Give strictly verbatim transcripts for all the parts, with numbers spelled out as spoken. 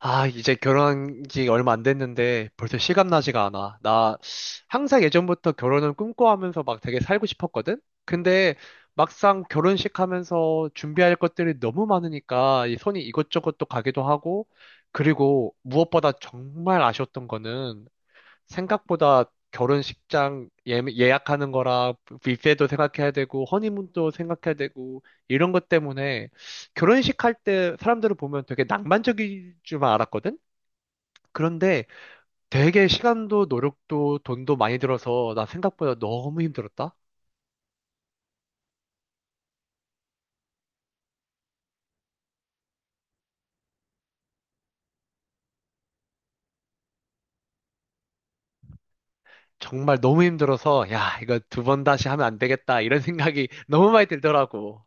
아, 이제 결혼한 지 얼마 안 됐는데 벌써 실감나지가 않아. 나 항상 예전부터 결혼을 꿈꿔하면서 막 되게 살고 싶었거든? 근데 막상 결혼식 하면서 준비할 것들이 너무 많으니까 이 손이 이것저것 또 가기도 하고, 그리고 무엇보다 정말 아쉬웠던 거는 생각보다 결혼식장 예, 예약하는 거랑 뷔페도 생각해야 되고 허니문도 생각해야 되고 이런 것 때문에 결혼식 할 때 사람들을 보면 되게 낭만적일 줄만 알았거든? 그런데 되게 시간도 노력도 돈도 많이 들어서 나 생각보다 너무 힘들었다. 정말 너무 힘들어서 야, 이거 두 번 다시 하면 안 되겠다 이런 생각이 너무 많이 들더라고.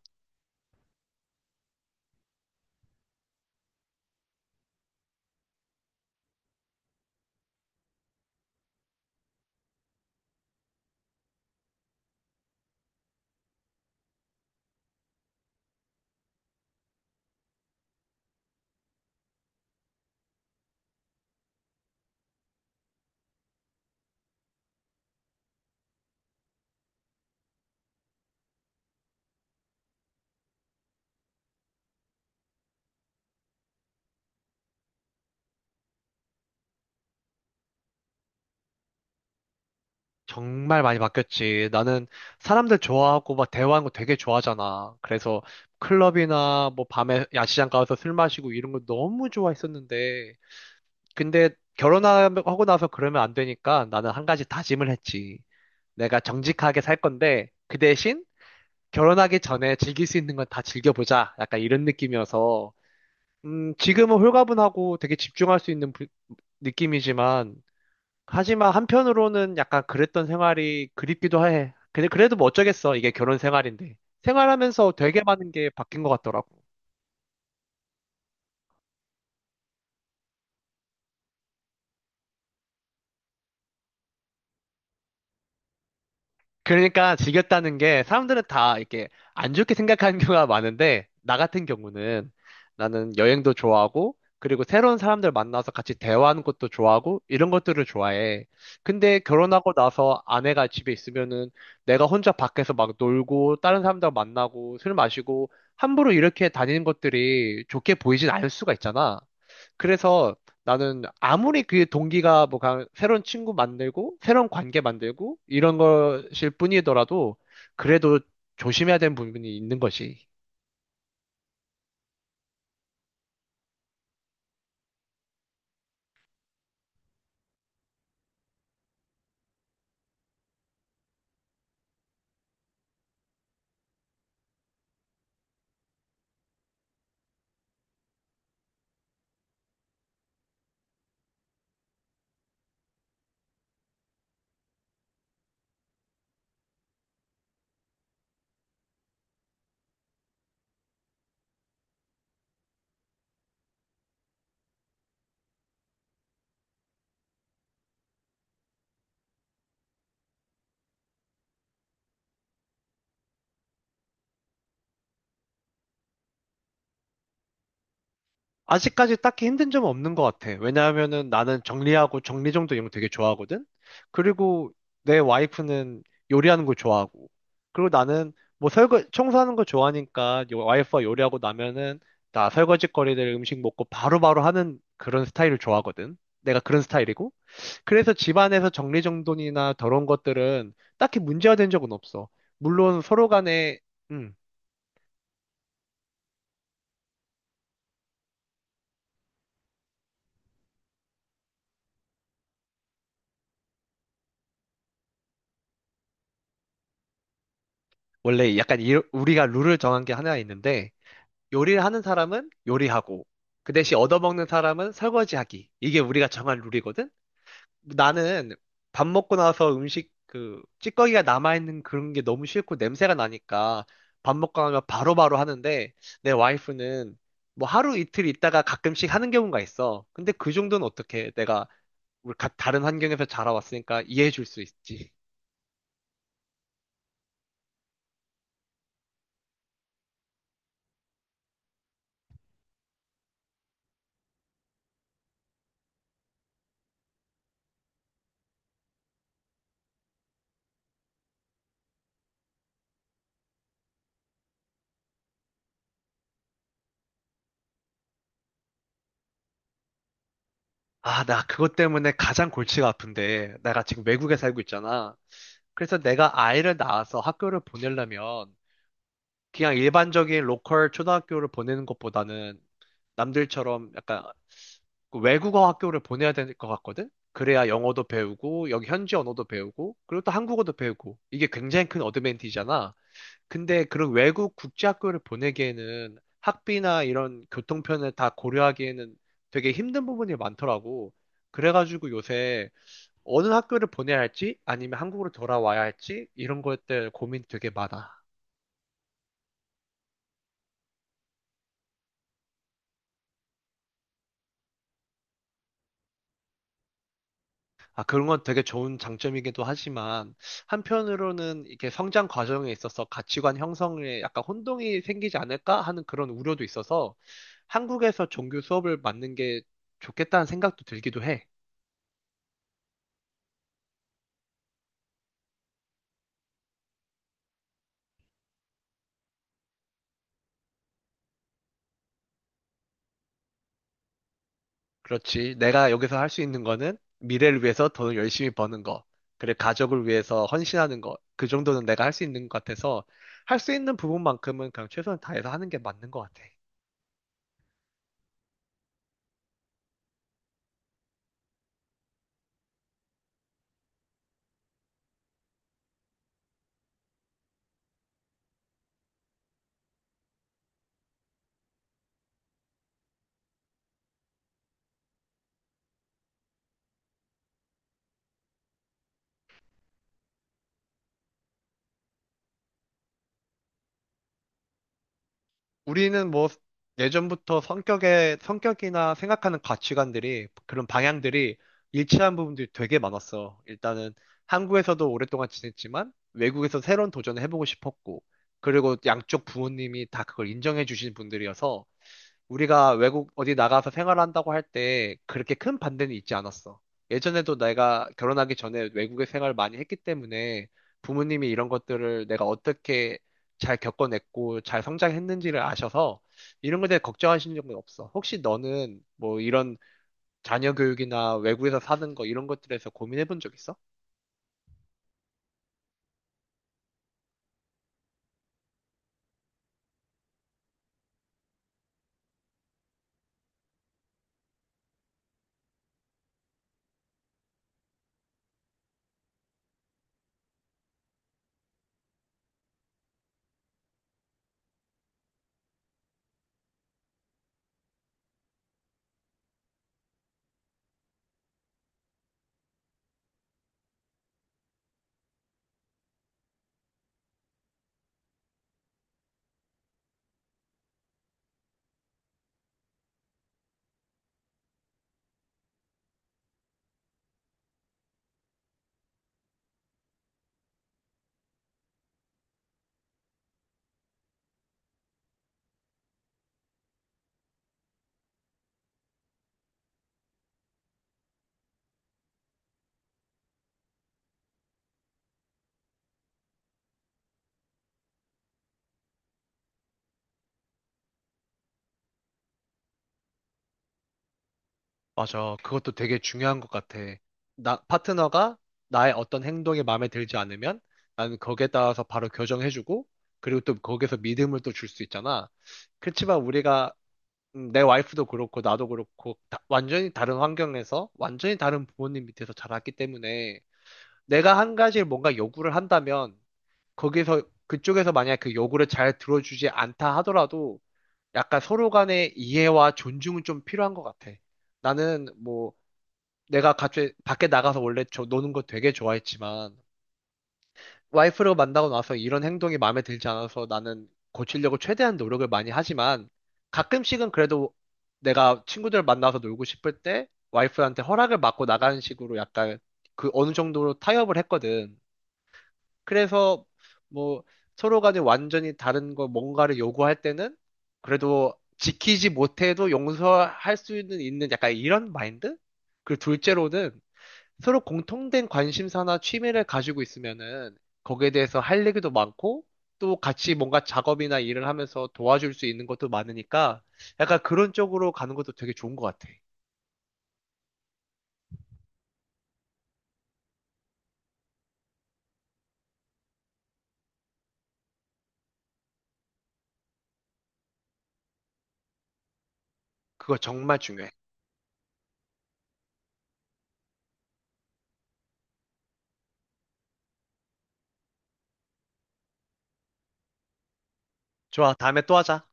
정말 많이 바뀌었지. 나는 사람들 좋아하고 막 대화하는 거 되게 좋아하잖아. 그래서 클럽이나 뭐 밤에 야시장 가서 술 마시고 이런 거 너무 좋아했었는데. 근데 결혼하고 나서 그러면 안 되니까 나는 한 가지 다짐을 했지. 내가 정직하게 살 건데 그 대신 결혼하기 전에 즐길 수 있는 건 다 즐겨보자. 약간 이런 느낌이어서. 음, 지금은 홀가분하고 되게 집중할 수 있는 부- 느낌이지만, 하지만 한편으로는 약간 그랬던 생활이 그립기도 해. 근데 그래도 뭐 어쩌겠어. 이게 결혼 생활인데. 생활하면서 되게 많은 게 바뀐 것 같더라고. 그러니까 지겼다는 게 사람들은 다 이렇게 안 좋게 생각하는 경우가 많은데, 나 같은 경우는 나는 여행도 좋아하고, 그리고 새로운 사람들 만나서 같이 대화하는 것도 좋아하고, 이런 것들을 좋아해. 근데 결혼하고 나서 아내가 집에 있으면은 내가 혼자 밖에서 막 놀고 다른 사람들 만나고 술 마시고 함부로 이렇게 다니는 것들이 좋게 보이진 않을 수가 있잖아. 그래서 나는 아무리 그 동기가 뭐 가- 새로운 친구 만들고 새로운 관계 만들고 이런 것일 뿐이더라도 그래도 조심해야 되는 부분이 있는 것이. 아직까지 딱히 힘든 점은 없는 것 같아. 왜냐하면은 나는 정리하고 정리정돈 이런 거 되게 좋아하거든. 그리고 내 와이프는 요리하는 거 좋아하고, 그리고 나는 뭐 설거 청소하는 거 좋아하니까, 요- 와이프가 요리하고 나면은 나 설거지 거리들 음식 먹고 바로바로 하는 그런 스타일을 좋아하거든. 내가 그런 스타일이고. 그래서 집안에서 정리정돈이나 더러운 것들은 딱히 문제가 된 적은 없어. 물론 서로 간에, 음, 원래 약간 이- 우리가 룰을 정한 게 하나 있는데, 요리를 하는 사람은 요리하고, 그 대신 얻어먹는 사람은 설거지하기. 이게 우리가 정한 룰이거든? 나는 밥 먹고 나서 음식 그 찌꺼기가 남아있는 그런 게 너무 싫고 냄새가 나니까 밥 먹고 나면 바로바로 하는데, 내 와이프는 뭐 하루 이틀 있다가 가끔씩 하는 경우가 있어. 근데 그 정도는 어떻게 내가 우리 가- 다른 환경에서 자라왔으니까 이해해 줄 수 있지. 아, 나 그것 때문에 가장 골치가 아픈데, 내가 지금 외국에 살고 있잖아. 그래서 내가 아이를 낳아서 학교를 보내려면 그냥 일반적인 로컬 초등학교를 보내는 것보다는 남들처럼 약간 그 외국어 학교를 보내야 될 것 같거든? 그래야 영어도 배우고, 여기 현지 언어도 배우고, 그리고 또 한국어도 배우고. 이게 굉장히 큰 어드밴티지잖아. 근데 그런 외국 국제학교를 보내기에는 학비나 이런 교통편을 다 고려하기에는 되게 힘든 부분이 많더라고. 그래가지고 요새 어느 학교를 보내야 할지, 아니면 한국으로 돌아와야 할지, 이런 것들 고민 되게 많아. 아, 그런 건 되게 좋은 장점이기도 하지만, 한편으로는 이렇게 성장 과정에 있어서 가치관 형성에 약간 혼동이 생기지 않을까 하는 그런 우려도 있어서, 한국에서 종교 수업을 맡는 게 좋겠다는 생각도 들기도 해. 그렇지. 내가 여기서 할 수 있는 거는 미래를 위해서 돈을 열심히 버는 거, 그래, 가족을 위해서 헌신하는 거, 그 정도는 내가 할 수 있는 것 같아서, 할 수 있는 부분만큼은 그냥 최선을 다해서 하는 게 맞는 것 같아. 우리는 뭐 예전부터 성격의 성격이나 생각하는 가치관들이 그런 방향들이 일치한 부분들이 되게 많았어. 일단은 한국에서도 오랫동안 지냈지만 외국에서 새로운 도전을 해보고 싶었고, 그리고 양쪽 부모님이 다 그걸 인정해 주신 분들이어서 우리가 외국 어디 나가서 생활한다고 할 때 그렇게 큰 반대는 있지 않았어. 예전에도 내가 결혼하기 전에 외국에 생활을 많이 했기 때문에 부모님이 이런 것들을 내가 어떻게 잘 겪어냈고 잘 성장했는지를 아셔서 이런 것에 대해 걱정하시는 적은 없어. 혹시 너는 뭐 이런 자녀 교육이나 외국에서 사는 거 이런 것들에서 고민해 본 적 있어? 맞아. 그것도 되게 중요한 것 같아. 나, 파트너가 나의 어떤 행동이 마음에 들지 않으면 나는 거기에 따라서 바로 교정해주고, 그리고 또 거기에서 믿음을 또 줄 수 있잖아. 그렇지만 우리가, 음, 내 와이프도 그렇고 나도 그렇고 다- 완전히 다른 환경에서 완전히 다른 부모님 밑에서 자랐기 때문에 내가 한 가지 뭔가 요구를 한다면, 거기서, 그쪽에서 만약 그 요구를 잘 들어주지 않다 하더라도 약간 서로 간의 이해와 존중은 좀 필요한 것 같아. 나는 뭐 내가 갑자기 밖에 나가서 원래 저 노는 거 되게 좋아했지만 와이프를 만나고 나서 이런 행동이 마음에 들지 않아서 나는 고치려고 최대한 노력을 많이 하지만, 가끔씩은 그래도 내가 친구들 만나서 놀고 싶을 때 와이프한테 허락을 받고 나가는 식으로 약간 그 어느 정도로 타협을 했거든. 그래서 뭐 서로 간에 완전히 다른 거 뭔가를 요구할 때는 그래도 지키지 못해도 용서할 수 있는, 있는 약간 이런 마인드? 그리고 둘째로는 서로 공통된 관심사나 취미를 가지고 있으면은 거기에 대해서 할 얘기도 많고, 또 같이 뭔가 작업이나 일을 하면서 도와줄 수 있는 것도 많으니까 약간 그런 쪽으로 가는 것도 되게 좋은 것 같아. 그거 정말 중요해. 좋아, 다음에 또 하자.